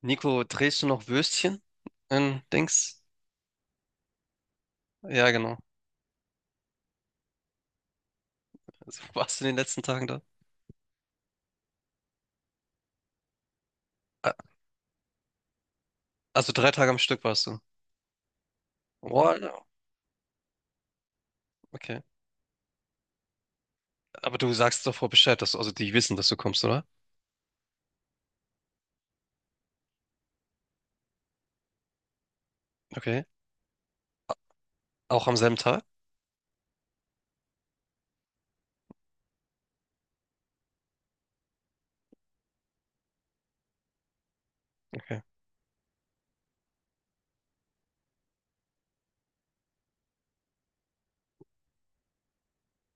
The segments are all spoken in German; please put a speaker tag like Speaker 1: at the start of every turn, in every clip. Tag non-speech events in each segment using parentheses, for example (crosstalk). Speaker 1: Nico, drehst du noch Würstchen in Dings? Ja, genau. Also, warst du in den letzten Tagen da? Ah. Also drei Tage am Stück warst du. Wow, okay. Aber du sagst doch vorher Bescheid, dass du, also die wissen, dass du kommst, oder? Okay. Auch am selben Tag? Okay,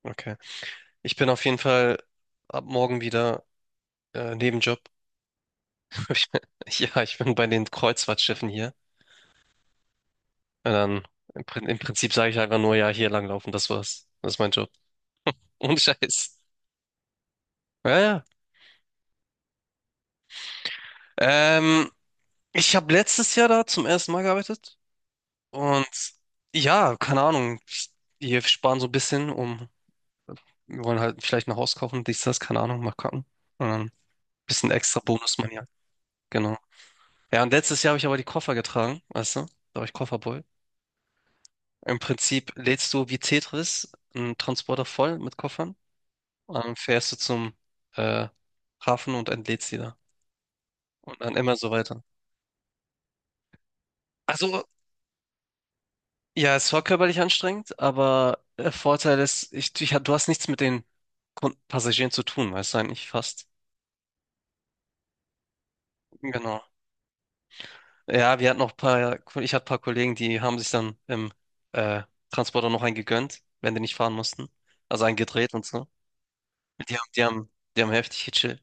Speaker 1: okay. Ich bin auf jeden Fall ab morgen wieder Nebenjob. (laughs) Ich bin- Ja, ich bin bei den Kreuzfahrtschiffen hier. Und dann im Prinzip sage ich einfach nur, ja, hier langlaufen, das war's. Das ist mein Job. Ohne Scheiß. Ja, ja. Ähm, Ich habe letztes Jahr da zum ersten Mal gearbeitet und ja, keine Ahnung, wir sparen so ein bisschen, um, wir wollen halt vielleicht ein Haus kaufen, dies, das, keine Ahnung, mal gucken. Und dann ein bisschen extra Bonus man ja, genau. Ja, und letztes Jahr habe ich aber die Koffer getragen, weißt du, da war ich Kofferboy. Im Prinzip lädst du wie Tetris einen Transporter voll mit Koffern und dann fährst du zum äh, Hafen und entlädst sie da. Und dann immer so weiter. Also, ja, es war körperlich anstrengend, aber der Vorteil ist, du hast nichts mit den Passagieren zu tun, weißt du eigentlich fast. Genau. Ja, wir hatten noch ein paar, ich hatte ein paar Kollegen, die haben sich dann im äh, Transporter noch einen gegönnt, wenn die nicht fahren mussten. Also einen gedreht und so. Die haben, die haben, die haben heftig gechillt.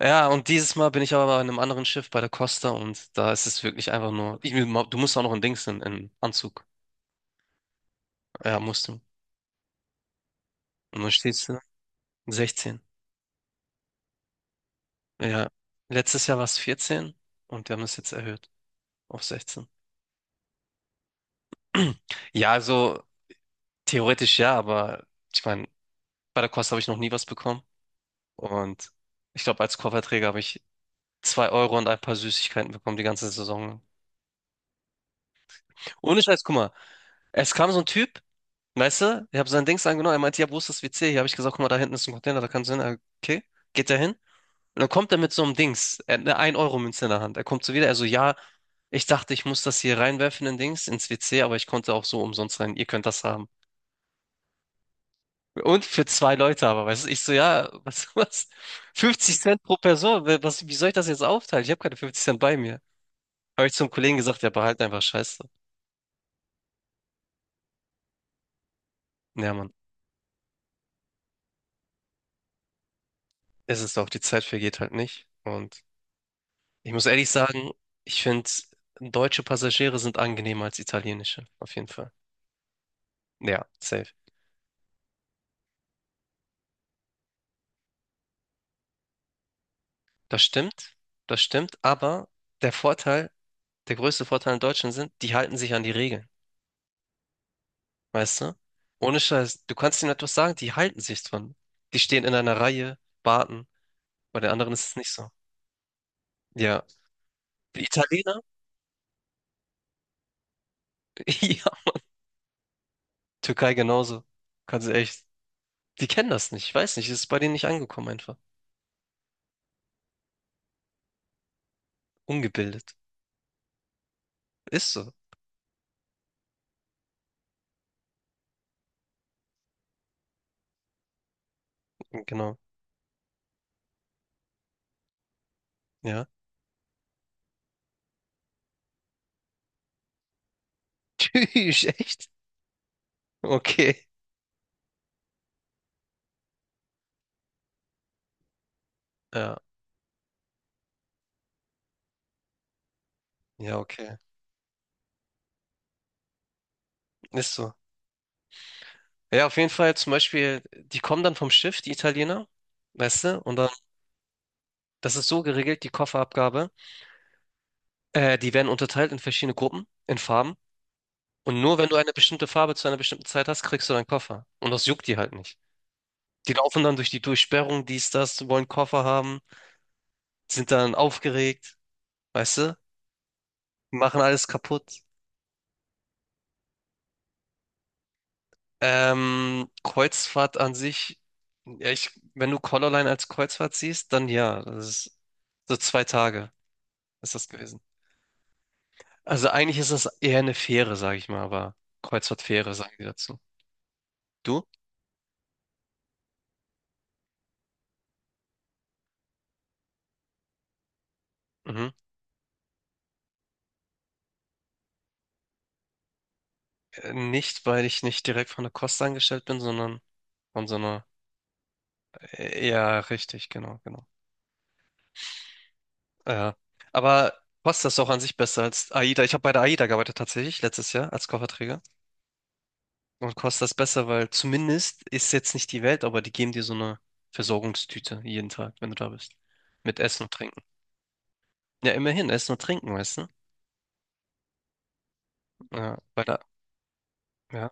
Speaker 1: Ja, und dieses Mal bin ich aber in einem anderen Schiff bei der Costa und da ist es wirklich einfach nur, du musst auch noch in Dings in Anzug. Ja, musst du. Und dann stehst du da. 16. Ja, letztes Jahr war es 14 und wir haben es jetzt erhöht auf 16. (clears throat) Ja, also theoretisch ja, aber ich meine, bei der Kost habe ich noch nie was bekommen. Und ich glaube, als Kofferträger habe ich 2 Euro und ein paar Süßigkeiten bekommen die ganze Saison lang. Ohne Scheiß, guck mal, es kam so ein Typ, weißt du, ich habe sein Dings angenommen, er meinte, ja, wo ist das WC? Hier habe ich gesagt, guck mal, da hinten ist ein Container, da kannst du hin. Er, okay, geht er hin? Und dann kommt er mit so einem Dings, er hat eine ein Euro Münze in der Hand. Er kommt so wieder, er so, ja, ich dachte, ich muss das hier reinwerfen in Dings, ins WC, aber ich konnte auch so umsonst rein, ihr könnt das haben. Und für zwei Leute aber, weißt du, ich so, ja, was, (laughs) was, 50 Cent pro Person, was, wie soll ich das jetzt aufteilen? Ich habe keine 50 Cent bei mir. Habe ich zum Kollegen gesagt, ja, behalt einfach. Scheiße. Ja, Mann, es ist auch, die Zeit vergeht halt nicht. Und ich muss ehrlich sagen, ich finde, deutsche Passagiere sind angenehmer als italienische, auf jeden Fall. Ja, safe. Das stimmt, das stimmt, aber der Vorteil, der größte Vorteil in Deutschland sind, die halten sich an die Regeln, weißt du? Ohne Scheiß, du kannst ihnen etwas sagen, die halten sich dran. Die stehen in einer Reihe, warten, bei den anderen ist es nicht so. Ja, die Italiener, (laughs) ja, Türkei genauso, kannst du echt, die kennen das nicht, ich weiß nicht, es ist bei denen nicht angekommen einfach. Ungebildet, ist so, genau, ja. (laughs) Tschüss, echt? Okay, ja, ja, okay, ist so. Ja, auf jeden Fall zum Beispiel, die kommen dann vom Schiff, die Italiener, weißt du, und dann, das ist so geregelt, die Kofferabgabe, die werden unterteilt in verschiedene Gruppen, in Farben, und nur wenn du eine bestimmte Farbe zu einer bestimmten Zeit hast, kriegst du deinen Koffer. Und das juckt die halt nicht. Die laufen dann durch die Durchsperrung, dies, das, wollen Koffer haben, sind dann aufgeregt, weißt du, machen alles kaputt. Kreuzfahrt an sich, ja, wenn du Colorline als Kreuzfahrt siehst, dann ja, das ist so 2 Tage ist das gewesen. Also eigentlich ist das eher eine Fähre, sage ich mal, aber Kreuzfahrtfähre sagen die dazu. Du? Mhm. Nicht, weil ich nicht direkt von der Kost angestellt bin, sondern von so einer. Ja, richtig, genau, genau. Ja. Aber Costa ist auch an sich besser als AIDA. Ich habe bei der AIDA gearbeitet tatsächlich letztes Jahr als Kofferträger. Und Costa ist besser, weil zumindest ist jetzt nicht die Welt, aber die geben dir so eine Versorgungstüte jeden Tag, wenn du da bist. Mit Essen und Trinken. Ja, immerhin, Essen und Trinken, weißt du? Ja, bei der, ja.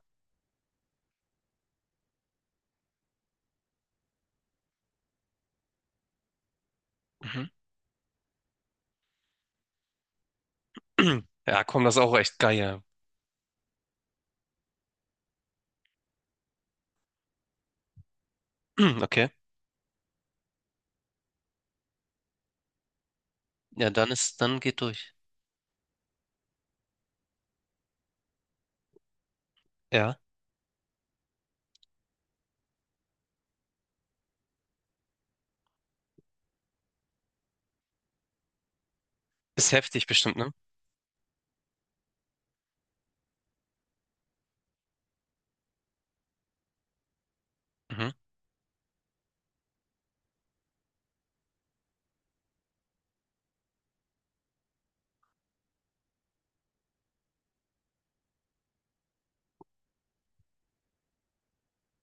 Speaker 1: Mhm. Ja, komm, das ist auch echt geil. (clears throat) Ja. Okay. Ja, dann ist, dann geht durch. Ja. Ist heftig bestimmt, ne? Mhm.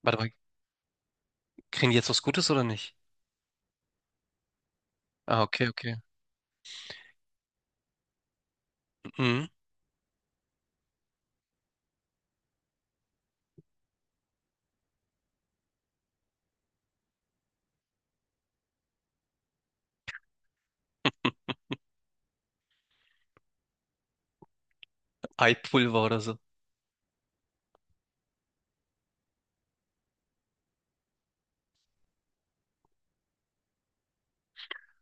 Speaker 1: Warte mal, kriegen die jetzt was Gutes oder nicht? Ah, okay, okay. Mhm. Eipulver oder so.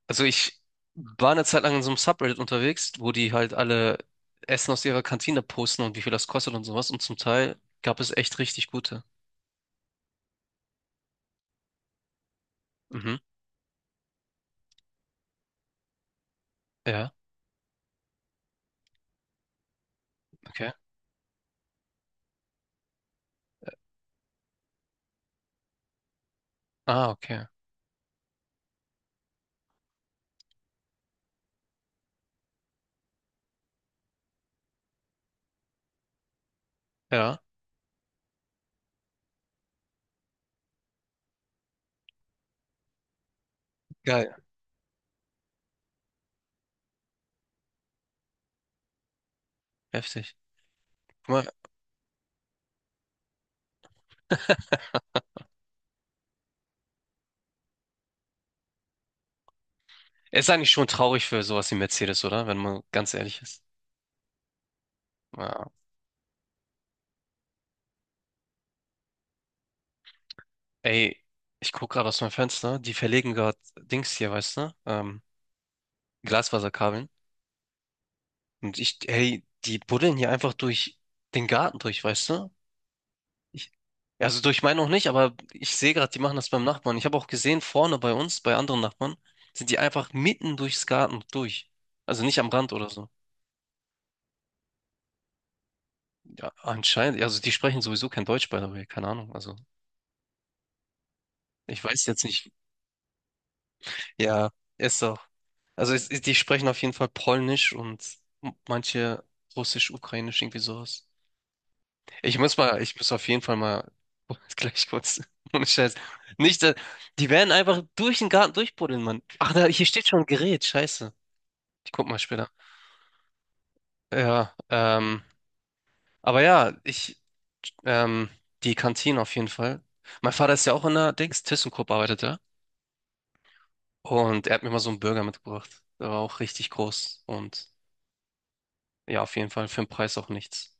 Speaker 1: Also ich war eine Zeit lang in so einem Subreddit unterwegs, wo die halt alle Essen aus ihrer Kantine posten und wie viel das kostet und sowas. Und zum Teil gab es echt richtig gute. Mhm. Ja, okay. Ah, okay. Ja. Geil. Heftig. Guck mal, ist eigentlich schon traurig für sowas wie Mercedes, oder? Wenn man ganz ehrlich ist. Ja. Ey, ich guck gerade aus meinem Fenster, die verlegen gerade Dings hier, weißt du? Glasfaserkabeln. Und ich, hey, die buddeln hier einfach durch den Garten durch, weißt du? Ich, also durch meinen auch nicht, aber ich sehe gerade, die machen das beim Nachbarn. Ich habe auch gesehen, vorne bei uns, bei anderen Nachbarn, sind die einfach mitten durchs Garten durch. Also nicht am Rand oder so. Ja, anscheinend, also die sprechen sowieso kein Deutsch, by the way, keine Ahnung. Also ich weiß jetzt nicht. Ja, ist so. Also es, die sprechen auf jeden Fall Polnisch und manche Russisch, Ukrainisch, irgendwie sowas. Ich muss mal, ich muss auf jeden Fall mal (laughs) gleich kurz. Ohne Scheiß. Nicht, dass- Die werden einfach durch den Garten durchbuddeln, Mann. Ach, da, hier steht schon ein Gerät, scheiße. Ich guck mal später. Ja, aber ja, ähm, die Kantine auf jeden Fall. Mein Vater ist ja auch in der Dings, ThyssenKrupp arbeitet er. Und er hat mir mal so einen Burger mitgebracht. Der war auch richtig groß. Und ja, auf jeden Fall für den Preis auch nichts.